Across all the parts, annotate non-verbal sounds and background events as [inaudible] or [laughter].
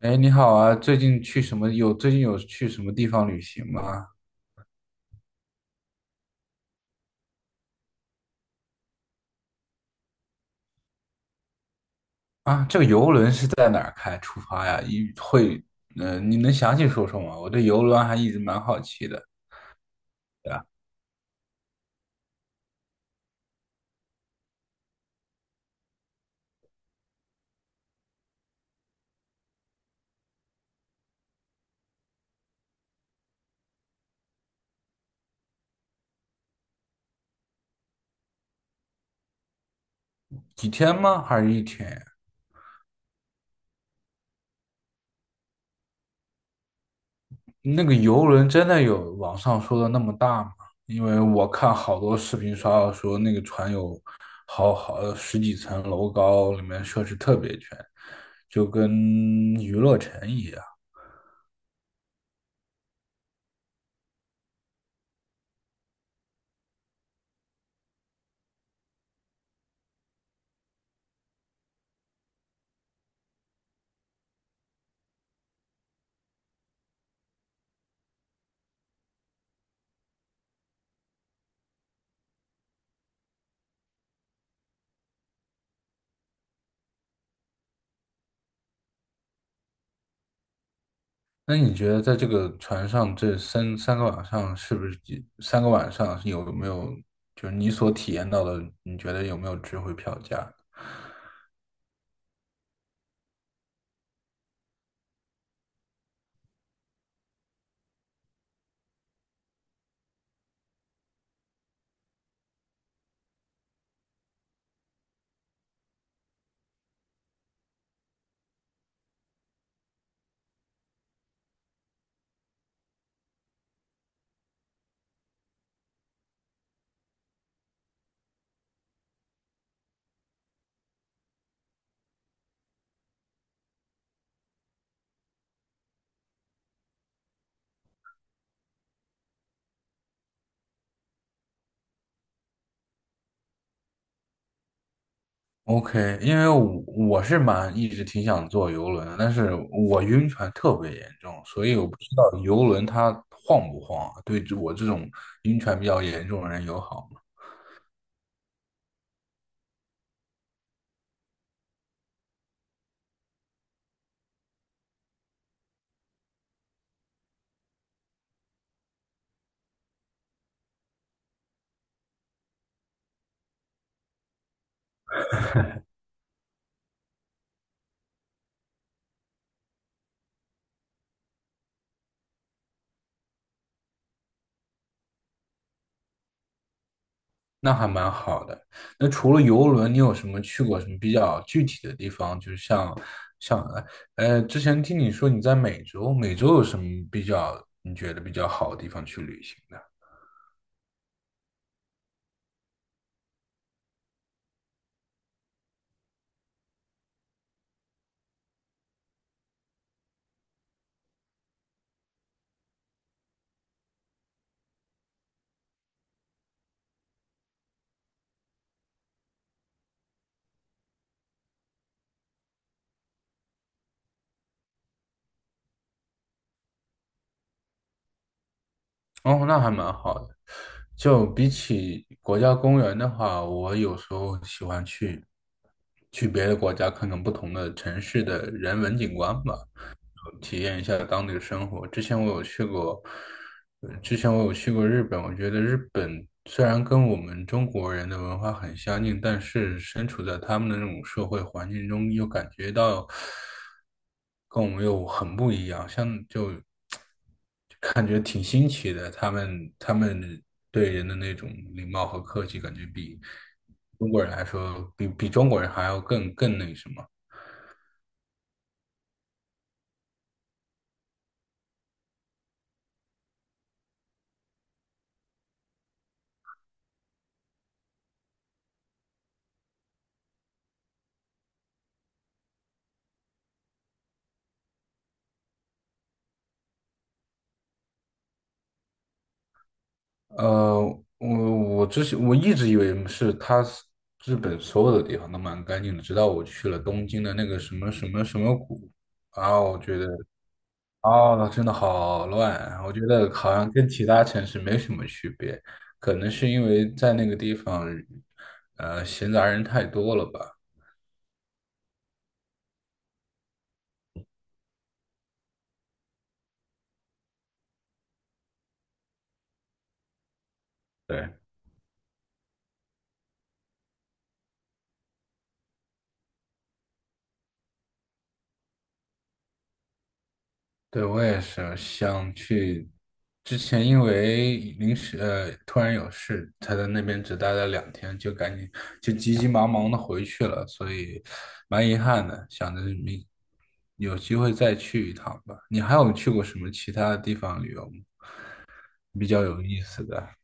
哎，你好啊！最近有去什么地方旅行吗？啊，这个游轮是在哪儿开出发呀？你能详细说说吗？我对游轮还一直蛮好奇的。对啊，几天吗？还是一天呀？那个游轮真的有网上说的那么大吗？因为我看好多视频刷到说那个船有好十几层楼高，里面设施特别全，就跟娱乐城一样。那你觉得在这个船上这三个晚上，是不是三个晚上有没有就是你所体验到的，你觉得有没有值回票价？OK，因为我是蛮一直挺想坐游轮的，但是我晕船特别严重，所以我不知道游轮它晃不晃啊对我这种晕船比较严重的人友好吗？那还蛮好的。那除了游轮，你有什么去过什么比较具体的地方？就是像像呃，之前听你说你在美洲，美洲有什么比较你觉得比较好的地方去旅行的？哦，那还蛮好的。就比起国家公园的话，我有时候喜欢去别的国家看看不同的城市的人文景观吧。体验一下当地的生活。之前我有去过日本，我觉得日本虽然跟我们中国人的文化很相近，但是身处在他们的那种社会环境中，又感觉到跟我们又很不一样，感觉挺新奇的。他们对人的那种礼貌和客气，感觉比中国人来说，比中国人还要更那什么。呃，我之前我一直以为它是日本所有的地方都蛮干净的，直到我去了东京的那个什么什么什么谷，然后我觉得啊，那真的好乱啊我觉得好像跟其他城市没什么区别，可能是因为在那个地方，闲杂人太多了吧。对。对，我也是想去。之前因为临时突然有事，才在那边只待了2天，就赶紧就急急忙忙的回去了，所以蛮遗憾的。想着有机会再去一趟吧。你还有去过什么其他的地方旅游吗？比较有意思的？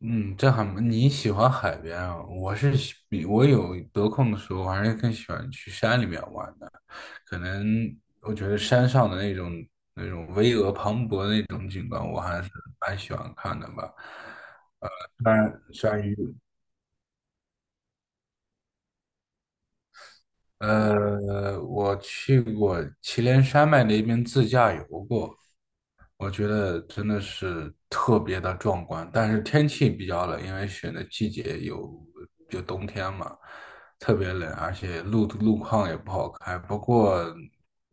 嗯，这还蛮你喜欢海边啊？我是喜比我有得空的时候，我还是更喜欢去山里面玩的。可能我觉得山上的那种巍峨磅礴的那种景观，我还是蛮喜欢看的吧。虽然虽然呃，我去过祁连山脉那边自驾游过，我觉得真的是特别的壮观，但是天气比较冷，因为选的季节就冬天嘛，特别冷，而且路况也不好开。不过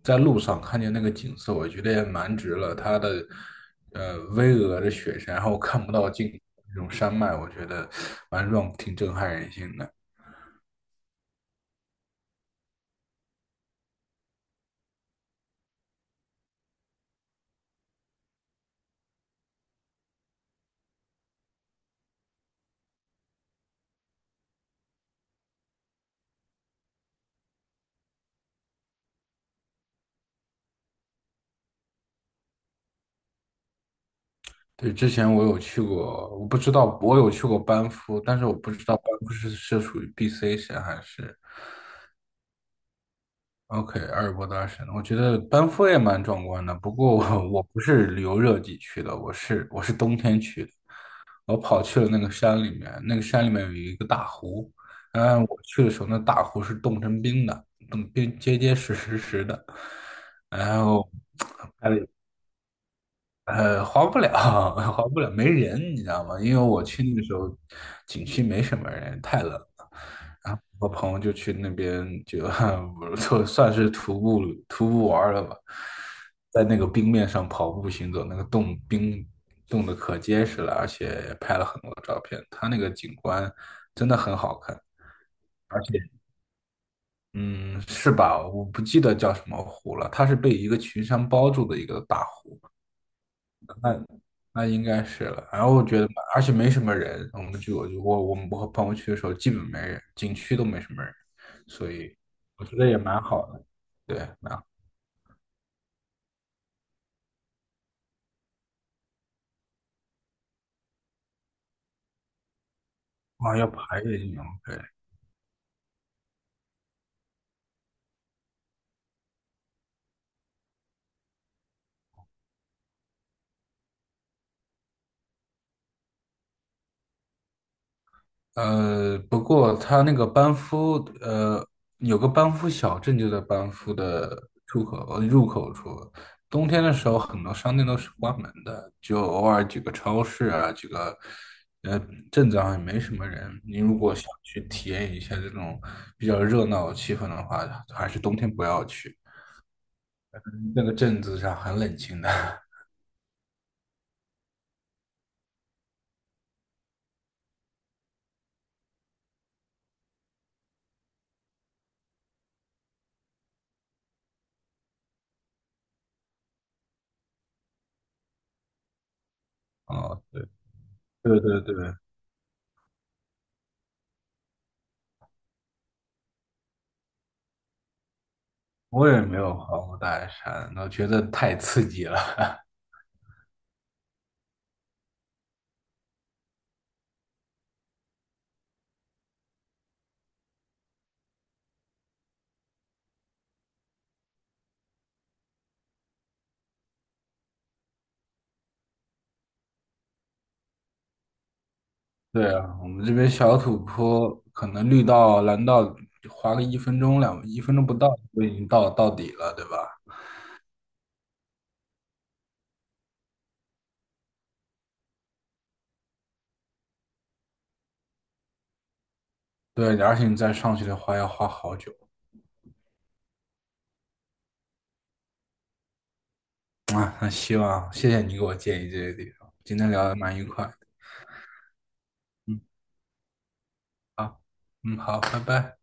在路上看见那个景色，我觉得也蛮值了。它的巍峨的雪山，然后看不到尽头那种山脉，我觉得挺震撼人心的。对，之前我有去过，我不知道我有去过班夫，但是我不知道班夫是属于 BC 省还是。OK，阿尔伯大神，我觉得班夫也蛮壮观的。不过我 [laughs] 我不是旅游热季去的，我是冬天去的。我跑去了那个山里面，那个山里面有一个大湖。嗯，我去的时候，那大湖是冻成冰的，冻冰结结实实实的。然后，哎，滑不了，[laughs] 滑不了，没人，你知道吗？因为我去那个时候，景区没什么人，太冷。然后我朋友就去那边就 [laughs] 就算是徒步玩儿了吧，在那个冰面上跑步行走，那个冻冰冻得可结实了，而且拍了很多照片。它那个景观真的很好看，而且嗯，是吧？我不记得叫什么湖了，它是被一个群山包住的一个大湖。那。那应该是了。然后我觉得而且没什么人，我们就我就我我们我和朋友去的时候，基本没人，景区都没什么人，所以我觉得也蛮好的。对，蛮好。哇，要爬越岭，不过它那个班夫，呃，有个班夫小镇就在班夫的出口，入口处。冬天的时候，很多商店都是关门的，就偶尔几个超市啊，呃镇子上也没什么人。你如果想去体验一下这种比较热闹的气氛的话，还是冬天不要去，那个镇子上很冷清的。[laughs] 哦，对对对对，我也没有爬过大山，我觉得太刺激了。对啊，我们这边小土坡可能绿道、蓝道滑个一分钟不到就已经到底了，对吧？对，而且你再上去的话要花好久啊。那希望谢谢你给我建议这些地方，今天聊得蛮愉快的。嗯，好，嗯，好，拜拜。